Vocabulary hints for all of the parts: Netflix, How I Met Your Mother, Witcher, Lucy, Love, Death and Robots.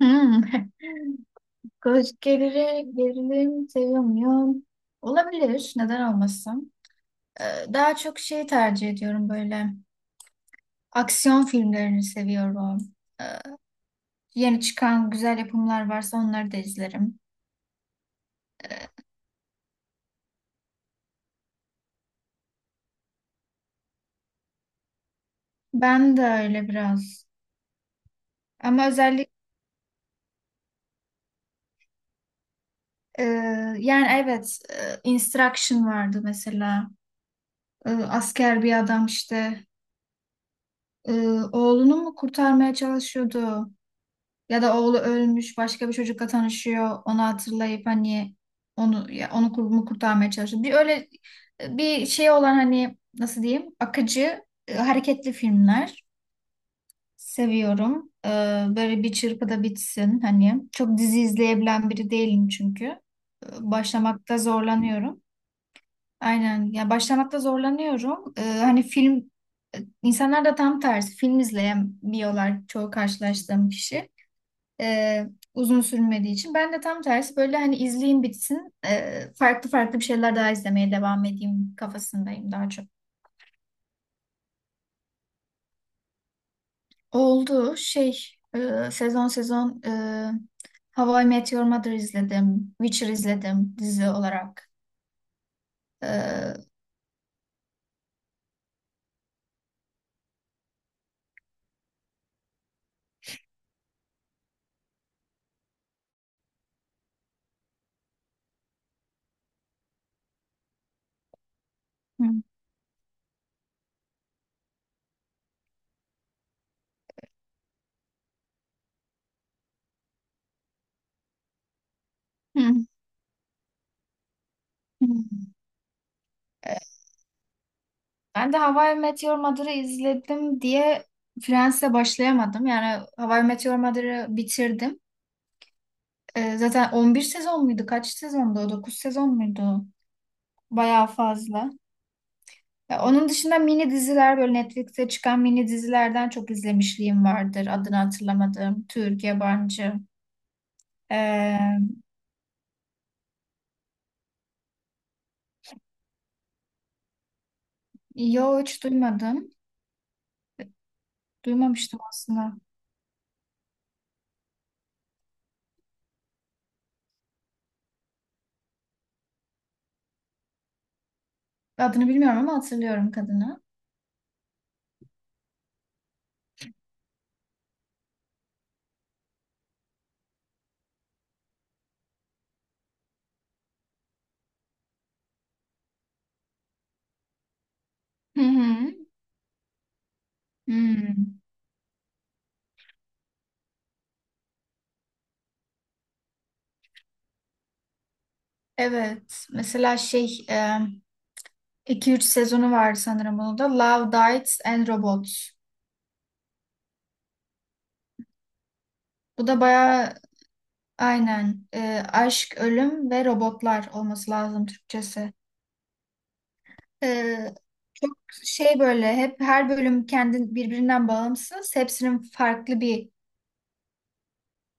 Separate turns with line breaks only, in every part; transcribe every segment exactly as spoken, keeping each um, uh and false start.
Hmm. Koç gerili, Gerilim sevmiyorum. Olabilir. Neden olmasın? Ee, Daha çok şey tercih ediyorum böyle. Aksiyon filmlerini seviyorum. Ee, Yeni çıkan güzel yapımlar varsa onları da izlerim. Ben de öyle biraz. Ama özellikle e, yani evet, e, Instruction vardı mesela. E, asker bir adam işte, e, oğlunu mu kurtarmaya çalışıyordu? Ya da oğlu ölmüş, başka bir çocukla tanışıyor. Onu hatırlayıp hani onu, ya onu kurumu kurtarmaya çalışıyor. Bir öyle bir şey olan, hani nasıl diyeyim? Akıcı, e, hareketli filmler seviyorum. Ee, böyle bir çırpıda bitsin hani. Çok dizi izleyebilen biri değilim çünkü. Ee, Başlamakta zorlanıyorum. Aynen. Ya başlamakta zorlanıyorum. Ee, hani film, e, insanlar da tam tersi film izleyemiyorlar çoğu karşılaştığım kişi, e, uzun sürmediği için. Ben de tam tersi böyle, hani izleyeyim bitsin, e, farklı farklı bir şeyler daha izlemeye devam edeyim kafasındayım daha çok. Oldu şey, e, sezon sezon, e, How I Met Your Mother izledim. Witcher izledim dizi olarak. E, hı, hı, hı. E, ben de How I Met Your Mother'ı izledim diye Friends'e başlayamadım. Yani How I Met Your Mother'ı bitirdim. E, zaten on bir sezon muydu? Kaç sezondu o? dokuz sezon muydu? Bayağı fazla. Ya onun dışında mini diziler, böyle Netflix'e çıkan mini dizilerden çok izlemişliğim vardır. Adını hatırlamadığım. Türk, yabancı. Ee, yo hiç duymadım. Duymamıştım aslında. Adını bilmiyorum ama hatırlıyorum kadını. Hı hı. Hmm. Evet. Mesela şey, e, iki üç sezonu var sanırım bunun da. Love, Death and Robots. Bu da bayağı, aynen. E, aşk, ölüm ve robotlar olması lazım Türkçesi. Ee, Çok şey, böyle hep her bölüm kendi birbirinden bağımsız. Hepsinin farklı bir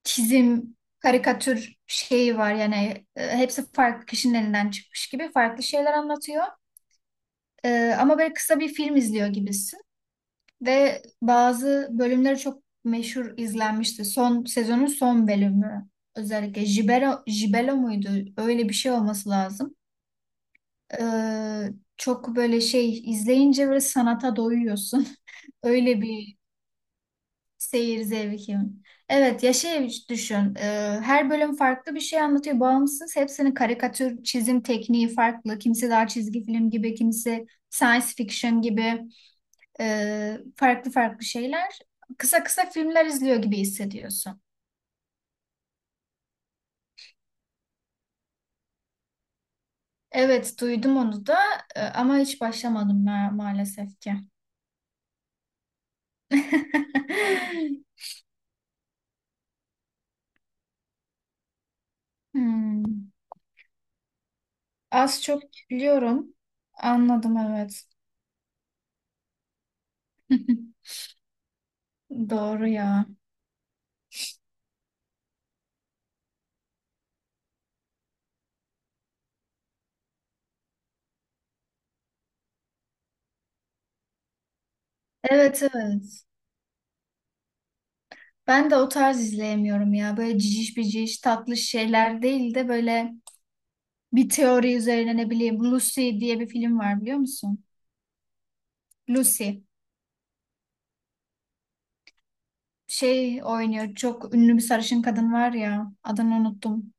çizim, karikatür şeyi var. Yani e, hepsi farklı kişinin elinden çıkmış gibi farklı şeyler anlatıyor. Ee, ama böyle kısa bir film izliyor gibisin. Ve bazı bölümleri çok meşhur izlenmişti. Son sezonun son bölümü. Özellikle Jibelo Jibelo muydu? Öyle bir şey olması lazım. Ee, Çok böyle şey izleyince böyle sanata doyuyorsun. Öyle bir seyir zevkim. Evet ya, şey düşün. e, her bölüm farklı bir şey anlatıyor. Bağımsız, hepsinin karikatür çizim tekniği farklı. Kimisi daha çizgi film gibi, kimisi science fiction gibi, e, farklı farklı şeyler. Kısa kısa filmler izliyor gibi hissediyorsun. Evet duydum onu da, e, ama hiç başlamadım ma- maalesef ki. Hmm. Az çok biliyorum. Anladım evet. Doğru ya. Evet, evet. Ben de o tarz izleyemiyorum ya. Böyle ciciş biciş tatlı şeyler değil de böyle bir teori üzerine, ne bileyim, Lucy diye bir film var, biliyor musun? Lucy. Şey oynuyor. Çok ünlü bir sarışın kadın var ya. Adını unuttum.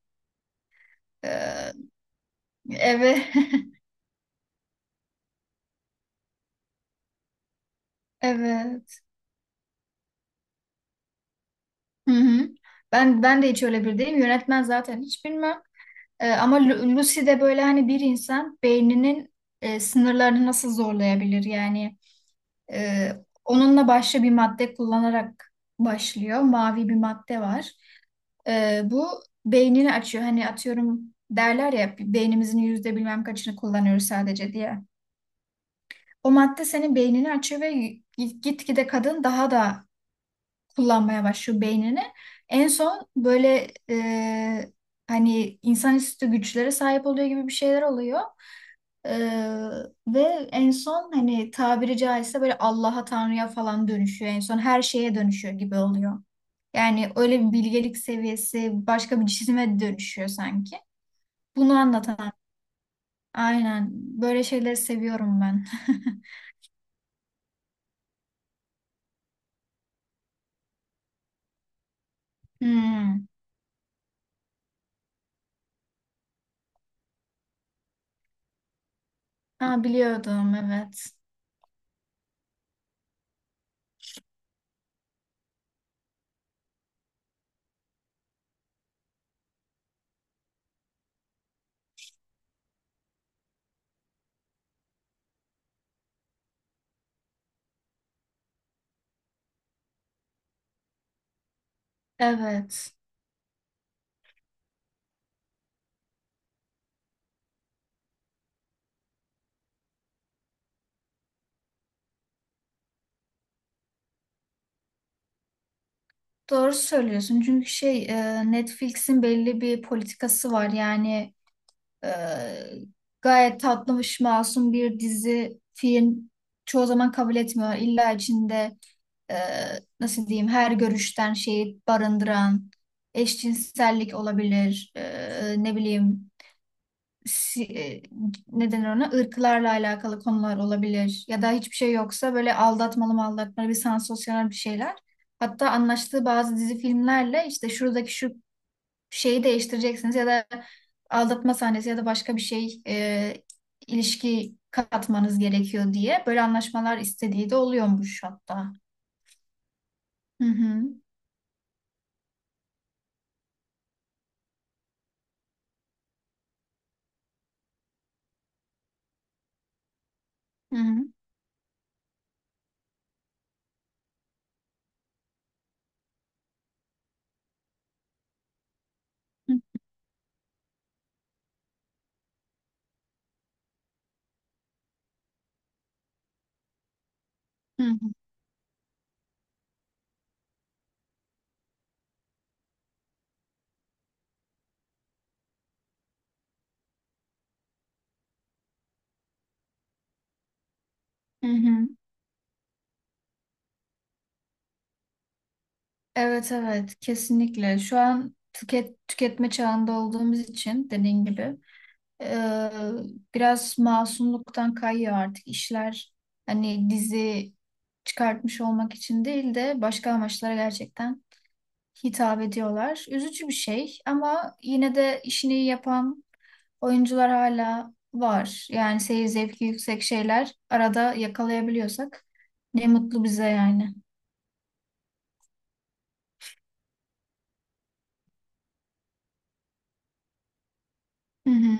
Ee, evet. Evet. Hı hı. Ben ben de hiç öyle bir değilim. Yönetmen zaten hiç bilmem. Ee, ama Lu- Lucy de böyle, hani bir insan beyninin e, sınırlarını nasıl zorlayabilir yani. Ee, Onunla başka bir madde kullanarak başlıyor. Mavi bir madde var. Ee, bu beynini açıyor. Hani atıyorum, derler ya beynimizin yüzde bilmem kaçını kullanıyoruz sadece diye. O madde senin beynini açıyor ve gi- gitgide kadın daha da kullanmaya başlıyor beynini. En son böyle, e, hani insanüstü güçlere sahip oluyor gibi bir şeyler oluyor. Ee, ve en son hani, tabiri caizse, böyle Allah'a, Tanrı'ya falan dönüşüyor. En son her şeye dönüşüyor gibi oluyor. Yani öyle bir bilgelik seviyesi, başka bir cisime dönüşüyor sanki. Bunu anlatan. Aynen. Böyle şeyleri seviyorum ben. Hmm. Ha, biliyordum evet. Evet. Doğru söylüyorsun. Çünkü şey, e, Netflix'in belli bir politikası var. Yani, Ee, gayet tatlış, masum bir dizi, film çoğu zaman kabul etmiyor. İlla içinde e, nasıl diyeyim, her görüşten şeyi barındıran eşcinsellik olabilir. Ee, ne bileyim si, e, ne denir ona, ırklarla alakalı konular olabilir. Ya da hiçbir şey yoksa böyle, aldatmalı mı aldatmalı bir sansasyonel bir şeyler. Hatta anlaştığı bazı dizi filmlerle, işte şuradaki şu şeyi değiştireceksiniz ya da aldatma sahnesi ya da başka bir şey, e, ilişki katmanız gerekiyor diye böyle anlaşmalar istediği de oluyormuş hatta. Hı hı. Hı hı. Hı hı. Hı hı. Evet, evet, kesinlikle. Şu an tüket, tüketme çağında olduğumuz için dediğin gibi, e, biraz masumluktan kayıyor artık işler. Hani dizi çıkartmış olmak için değil de başka amaçlara gerçekten hitap ediyorlar. Üzücü bir şey, ama yine de işini iyi yapan oyuncular hala var. Yani seyir zevki yüksek şeyler arada yakalayabiliyorsak ne mutlu bize yani. Hı hı.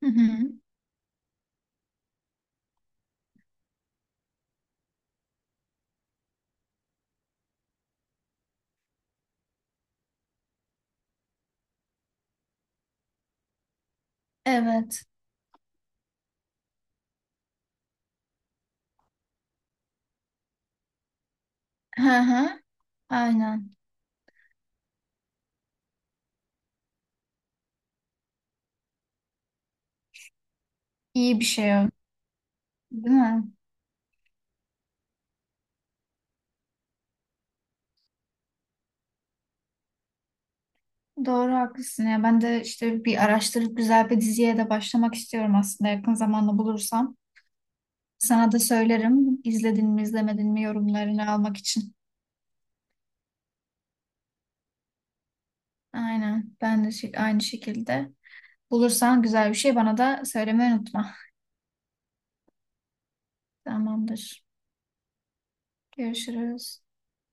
Hı hı. Evet. Hı hı. Aynen. İyi bir şey o. Değil mi? Doğru, haklısın ya. Ben de işte bir araştırıp güzel bir diziye de başlamak istiyorum aslında, yakın zamanda bulursam. Sana da söylerim. İzledin mi, izlemedin mi, yorumlarını almak için. Aynen. Ben de şey- aynı şekilde. Bulursan güzel bir şey bana da söylemeyi unutma. Tamamdır. Görüşürüz.